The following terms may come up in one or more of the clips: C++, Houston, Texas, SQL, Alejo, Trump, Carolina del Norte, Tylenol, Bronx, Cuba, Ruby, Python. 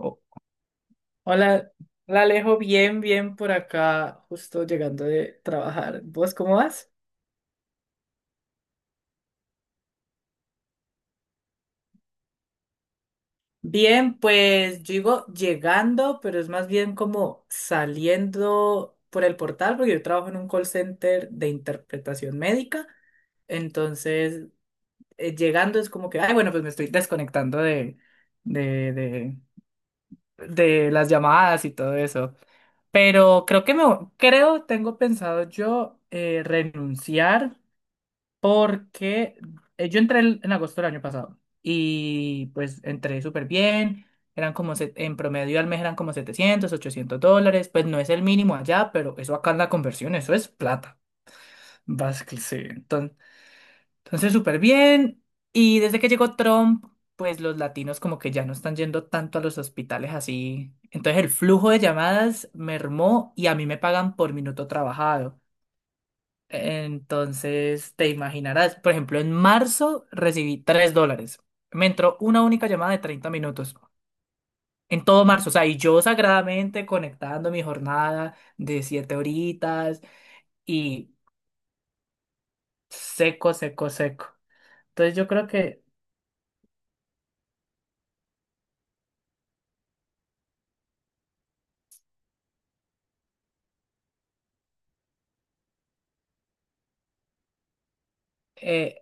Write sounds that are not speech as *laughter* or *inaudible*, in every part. Oh, hola, hola Alejo, bien, bien por acá, justo llegando de trabajar. ¿Vos cómo vas? Bien, pues yo digo llegando, pero es más bien como saliendo por el portal, porque yo trabajo en un call center de interpretación médica, entonces llegando es como que, ay, bueno, pues me estoy desconectando de, de, de las llamadas y todo eso. Pero creo que tengo pensado yo renunciar porque yo entré en agosto del año pasado y pues entré súper bien, eran como en promedio al mes eran como $700, $800, pues no es el mínimo allá, pero eso acá en la conversión, eso es plata, básicamente. Sí. Entonces súper bien y desde que llegó Trump, pues los latinos como que ya no están yendo tanto a los hospitales así. Entonces el flujo de llamadas mermó y a mí me pagan por minuto trabajado. Entonces, te imaginarás, por ejemplo, en marzo recibí $3. Me entró una única llamada de 30 minutos. En todo marzo, o sea, y yo sagradamente conectando mi jornada de 7 horitas y seco, seco, seco. Entonces yo creo que eh,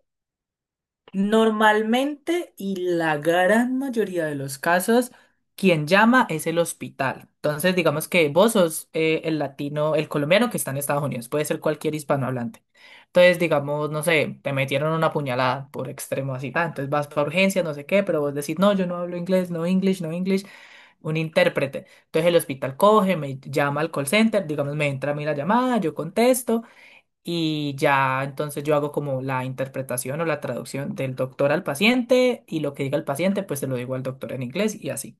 Normalmente y la gran mayoría de los casos, quien llama es el hospital. Entonces, digamos que vos sos el latino, el colombiano que está en Estados Unidos, puede ser cualquier hispanohablante. Entonces, digamos, no sé, te metieron una puñalada por extremo así, extremosidad, entonces vas para urgencias, no sé qué, pero vos decís, no, yo no hablo inglés, no English, no English, un intérprete. Entonces el hospital coge, me llama al call center, digamos, me entra a mí la llamada, yo contesto. Y ya entonces yo hago como la interpretación o la traducción del doctor al paciente y lo que diga el paciente pues se lo digo al doctor en inglés y así.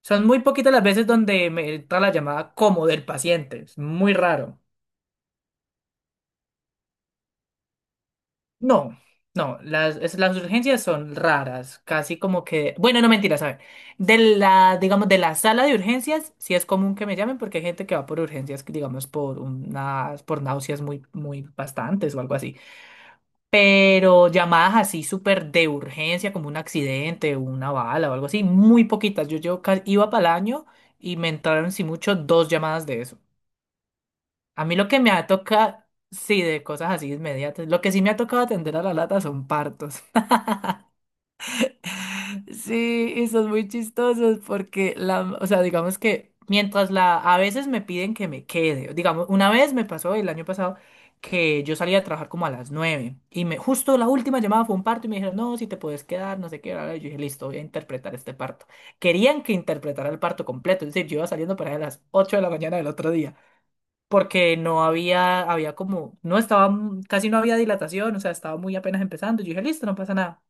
Son muy poquitas las veces donde me entra la llamada como del paciente, es muy raro. No, no, las urgencias son raras, casi como que, bueno, no mentira, ¿saben? De la, digamos, de la sala de urgencias sí es común que me llamen porque hay gente que va por urgencias, digamos, por náuseas muy, muy bastantes o algo así. Pero llamadas así súper de urgencia, como un accidente, una bala o algo así, muy poquitas. Yo iba para el año y me entraron, si mucho, dos llamadas de eso. A mí lo que me ha tocado, sí, de cosas así inmediatas, lo que sí me ha tocado atender a la lata son partos. Sí, y son muy chistosos porque la, o sea, digamos que mientras la, a veces me piden que me quede, digamos, una vez me pasó el año pasado que yo salía a trabajar como a las 9 y justo la última llamada fue un parto y me dijeron, no, si te puedes quedar, no sé qué, bla, bla, y yo dije, listo, voy a interpretar este parto. Querían que interpretara el parto completo, es decir, yo iba saliendo para allá a las 8 de la mañana del otro día, porque no había, había como, no estaba, casi no había dilatación, o sea, estaba muy apenas empezando, yo dije, listo, no pasa nada.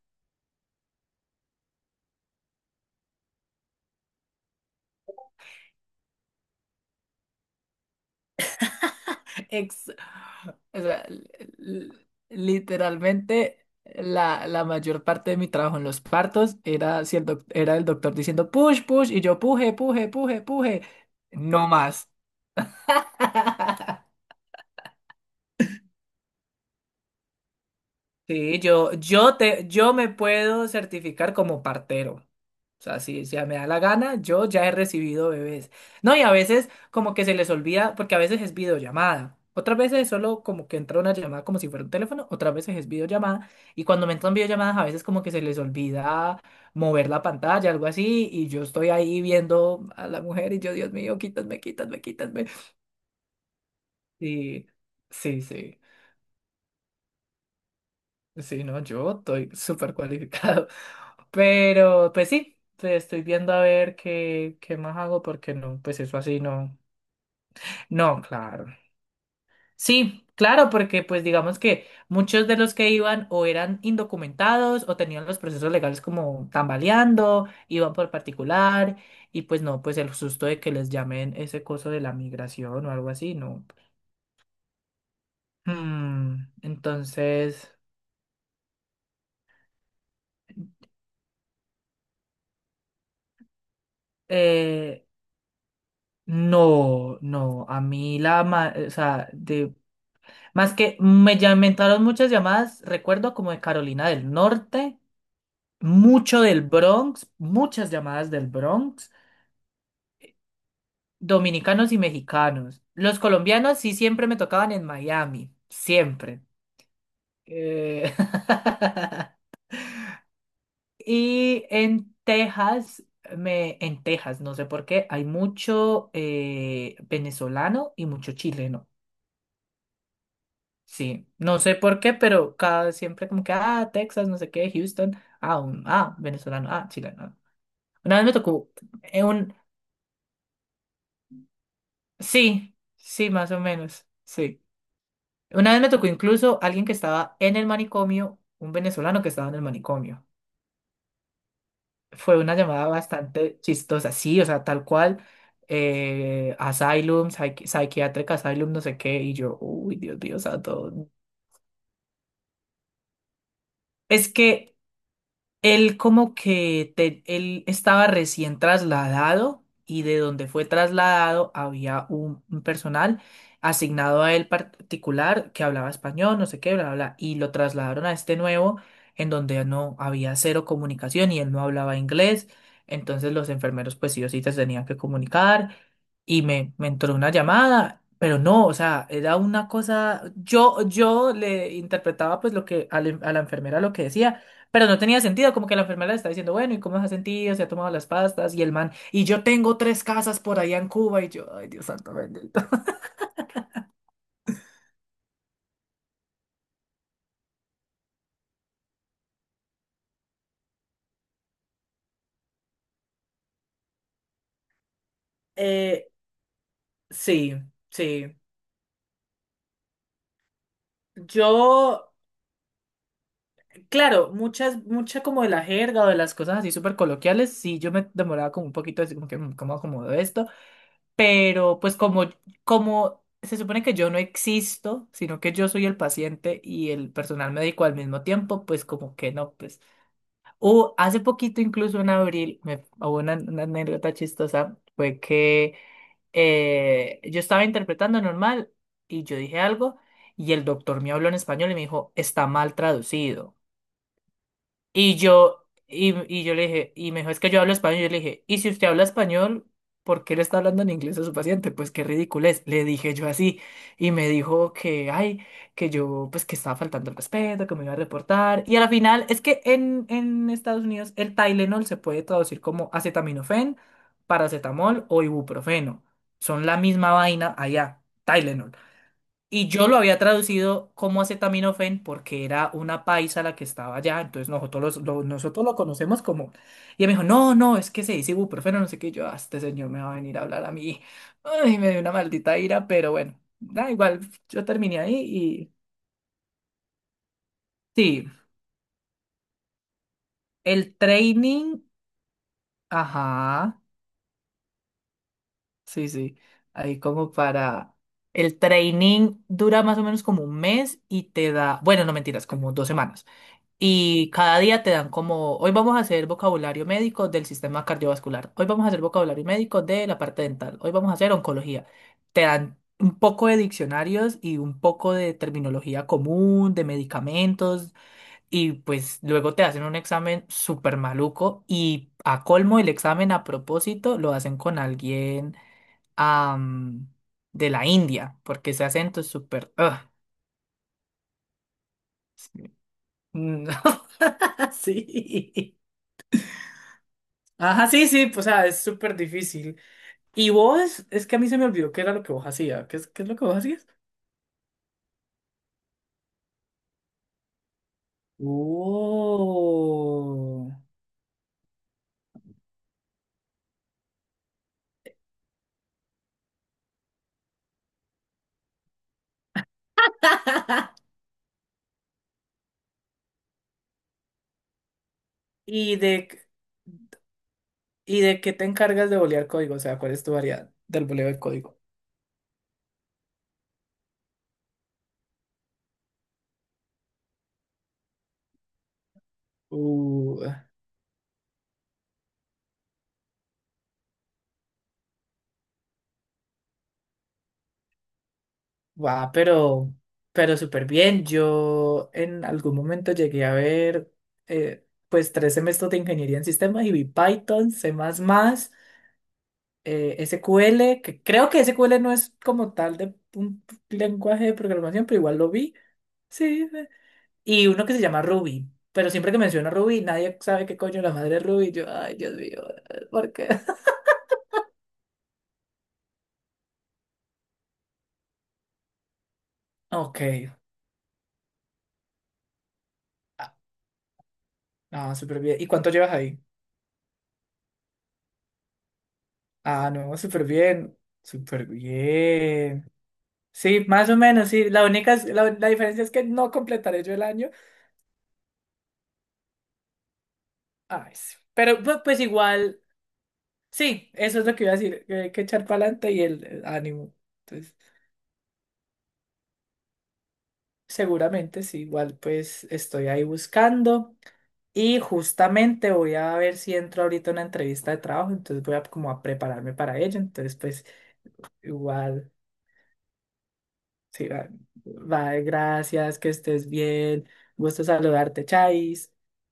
*laughs* O sea, literalmente la mayor parte de mi trabajo en los partos era, si el doc- era el doctor diciendo push, push, y yo puje, puje, puje, puje. No más. *laughs* Sí, yo me puedo certificar como partero. O sea, si ya me da la gana, yo ya he recibido bebés. No, y a veces como que se les olvida, porque a veces es videollamada. Otras veces es solo como que entra una llamada como si fuera un teléfono, otras veces es videollamada. Y cuando me entran videollamadas, a veces como que se les olvida mover la pantalla, algo así. Y yo estoy ahí viendo a la mujer y yo, Dios mío, quítame, quítame, quítame. Y sí, sí. Sí, no, yo estoy súper cualificado. *laughs* Pero, pues sí, te estoy viendo a ver qué más hago, porque no, pues eso así no. No, claro. Sí, claro, porque pues digamos que muchos de los que iban o eran indocumentados o tenían los procesos legales como tambaleando, iban por particular, y pues no, pues el susto de que les llamen ese coso de la migración o algo así, no. Hmm, entonces. eh, No, no, a mí o sea, más que me, ya- me entraron muchas llamadas, recuerdo como de Carolina del Norte, mucho del Bronx, muchas llamadas del Bronx, dominicanos y mexicanos. Los colombianos sí siempre me tocaban en Miami, siempre. Eh, *laughs* Y en Texas, en Texas, no sé por qué, hay mucho venezolano y mucho chileno. Sí, no sé por qué, pero cada vez siempre como que, ah, Texas, no sé qué, Houston, ah, ah, venezolano, ah, chileno. Ah. Una vez me tocó un, sí, sí, más o menos, sí. Una vez me tocó incluso alguien que estaba en el manicomio, un venezolano que estaba en el manicomio. Fue una llamada bastante chistosa, sí, o sea, tal cual, asylum, psychiatric asylum, no sé qué, y yo, uy, Dios mío, santo. Es que él como que él estaba recién trasladado y de donde fue trasladado había un personal asignado a él particular que hablaba español, no sé qué, bla, bla, bla, y lo trasladaron a este nuevo en donde no había cero comunicación y él no hablaba inglés, entonces los enfermeros pues sí o sí se tenían que comunicar y me entró una llamada, pero no, o sea, era una cosa, yo le interpretaba pues lo que a la enfermera lo que decía. Pero no tenía sentido, como que la enfermera le está diciendo, bueno, ¿y cómo se ha sentido? ¿Se ha tomado las pastas? Y el man, y yo tengo tres casas por allá en Cuba, y yo, ay, Dios santo bendito. *laughs* Eh, sí, sí. Yo, claro, mucha como de la jerga o de las cosas así súper coloquiales, sí, yo me demoraba como un poquito, así como que, "Mm, ¿cómo acomodo esto? Pero pues como se supone que yo no existo, sino que yo soy el paciente y el personal médico al mismo tiempo, pues como que no, pues. Hace poquito, incluso en abril, hubo una anécdota chistosa, fue que yo estaba interpretando normal y yo dije algo y el doctor me habló en español y me dijo, está mal traducido. Y yo le dije, y me dijo, es que yo hablo español. Yo le dije, y si usted habla español, ¿por qué le está hablando en inglés a su paciente? Pues qué ridículo es. Le dije yo así. Y me dijo que, ay, que yo, pues que estaba faltando el respeto, que me iba a reportar. Y a la final, es que en Estados Unidos el Tylenol se puede traducir como acetaminofén, paracetamol o ibuprofeno. Son la misma vaina allá, Tylenol. Y yo lo había traducido como acetaminofén porque era una paisa la que estaba allá, entonces nosotros, nosotros lo conocemos como... Y él me dijo, no, no, es que se dice ibuprofeno, no sé qué. Y yo, "Ah, este señor me va a venir a hablar a mí. Ay, me dio una maldita ira, pero bueno, da igual, yo terminé ahí y... Sí, el training, ajá, sí, sí, ahí como para... El training dura más o menos como un mes y te da, bueno, no mentiras, como 2 semanas. Y cada día te dan como, hoy vamos a hacer vocabulario médico del sistema cardiovascular, hoy vamos a hacer vocabulario médico de la parte dental, hoy vamos a hacer oncología. Te dan un poco de diccionarios y un poco de terminología común, de medicamentos, y pues luego te hacen un examen súper maluco y a colmo el examen a propósito lo hacen con alguien am, de la India, porque ese acento es súper... ugh, *laughs* sí. Mm, sí. Ajá, sí, sí, pues, o sea, es súper difícil. Y vos, es que a mí se me olvidó qué era lo que vos hacías. ¿Qué es lo que vos hacías? Oh. ¿Y y de qué te encargas de bolear código? O sea, ¿cuál es tu variedad del boleo de código? Uh, va, pero súper bien. Yo en algún momento llegué a ver, pues, tres semestres de ingeniería en sistemas y vi Python, C++, SQL, que creo que SQL no es como tal de un lenguaje de programación, pero igual lo vi. Sí. Y uno que se llama Ruby. Pero siempre que menciona Ruby, nadie sabe qué coño es la madre de Ruby. Yo, ay, Dios mío, ¿por qué? *laughs* Ok. Ah, ah, súper bien. ¿Y cuánto llevas ahí? Ah, no, súper bien. Súper bien. Sí, más o menos, sí. La diferencia es que no completaré yo el año. Ay, sí. Pero pues igual. Sí, eso es lo que iba a decir, que hay que echar para adelante y el ánimo. Entonces, seguramente sí, igual pues estoy ahí buscando y justamente voy a ver si entro ahorita a una entrevista de trabajo, entonces voy a como a prepararme para ello, entonces pues igual, sí, va, va, gracias, que estés bien, gusto saludarte, Chais.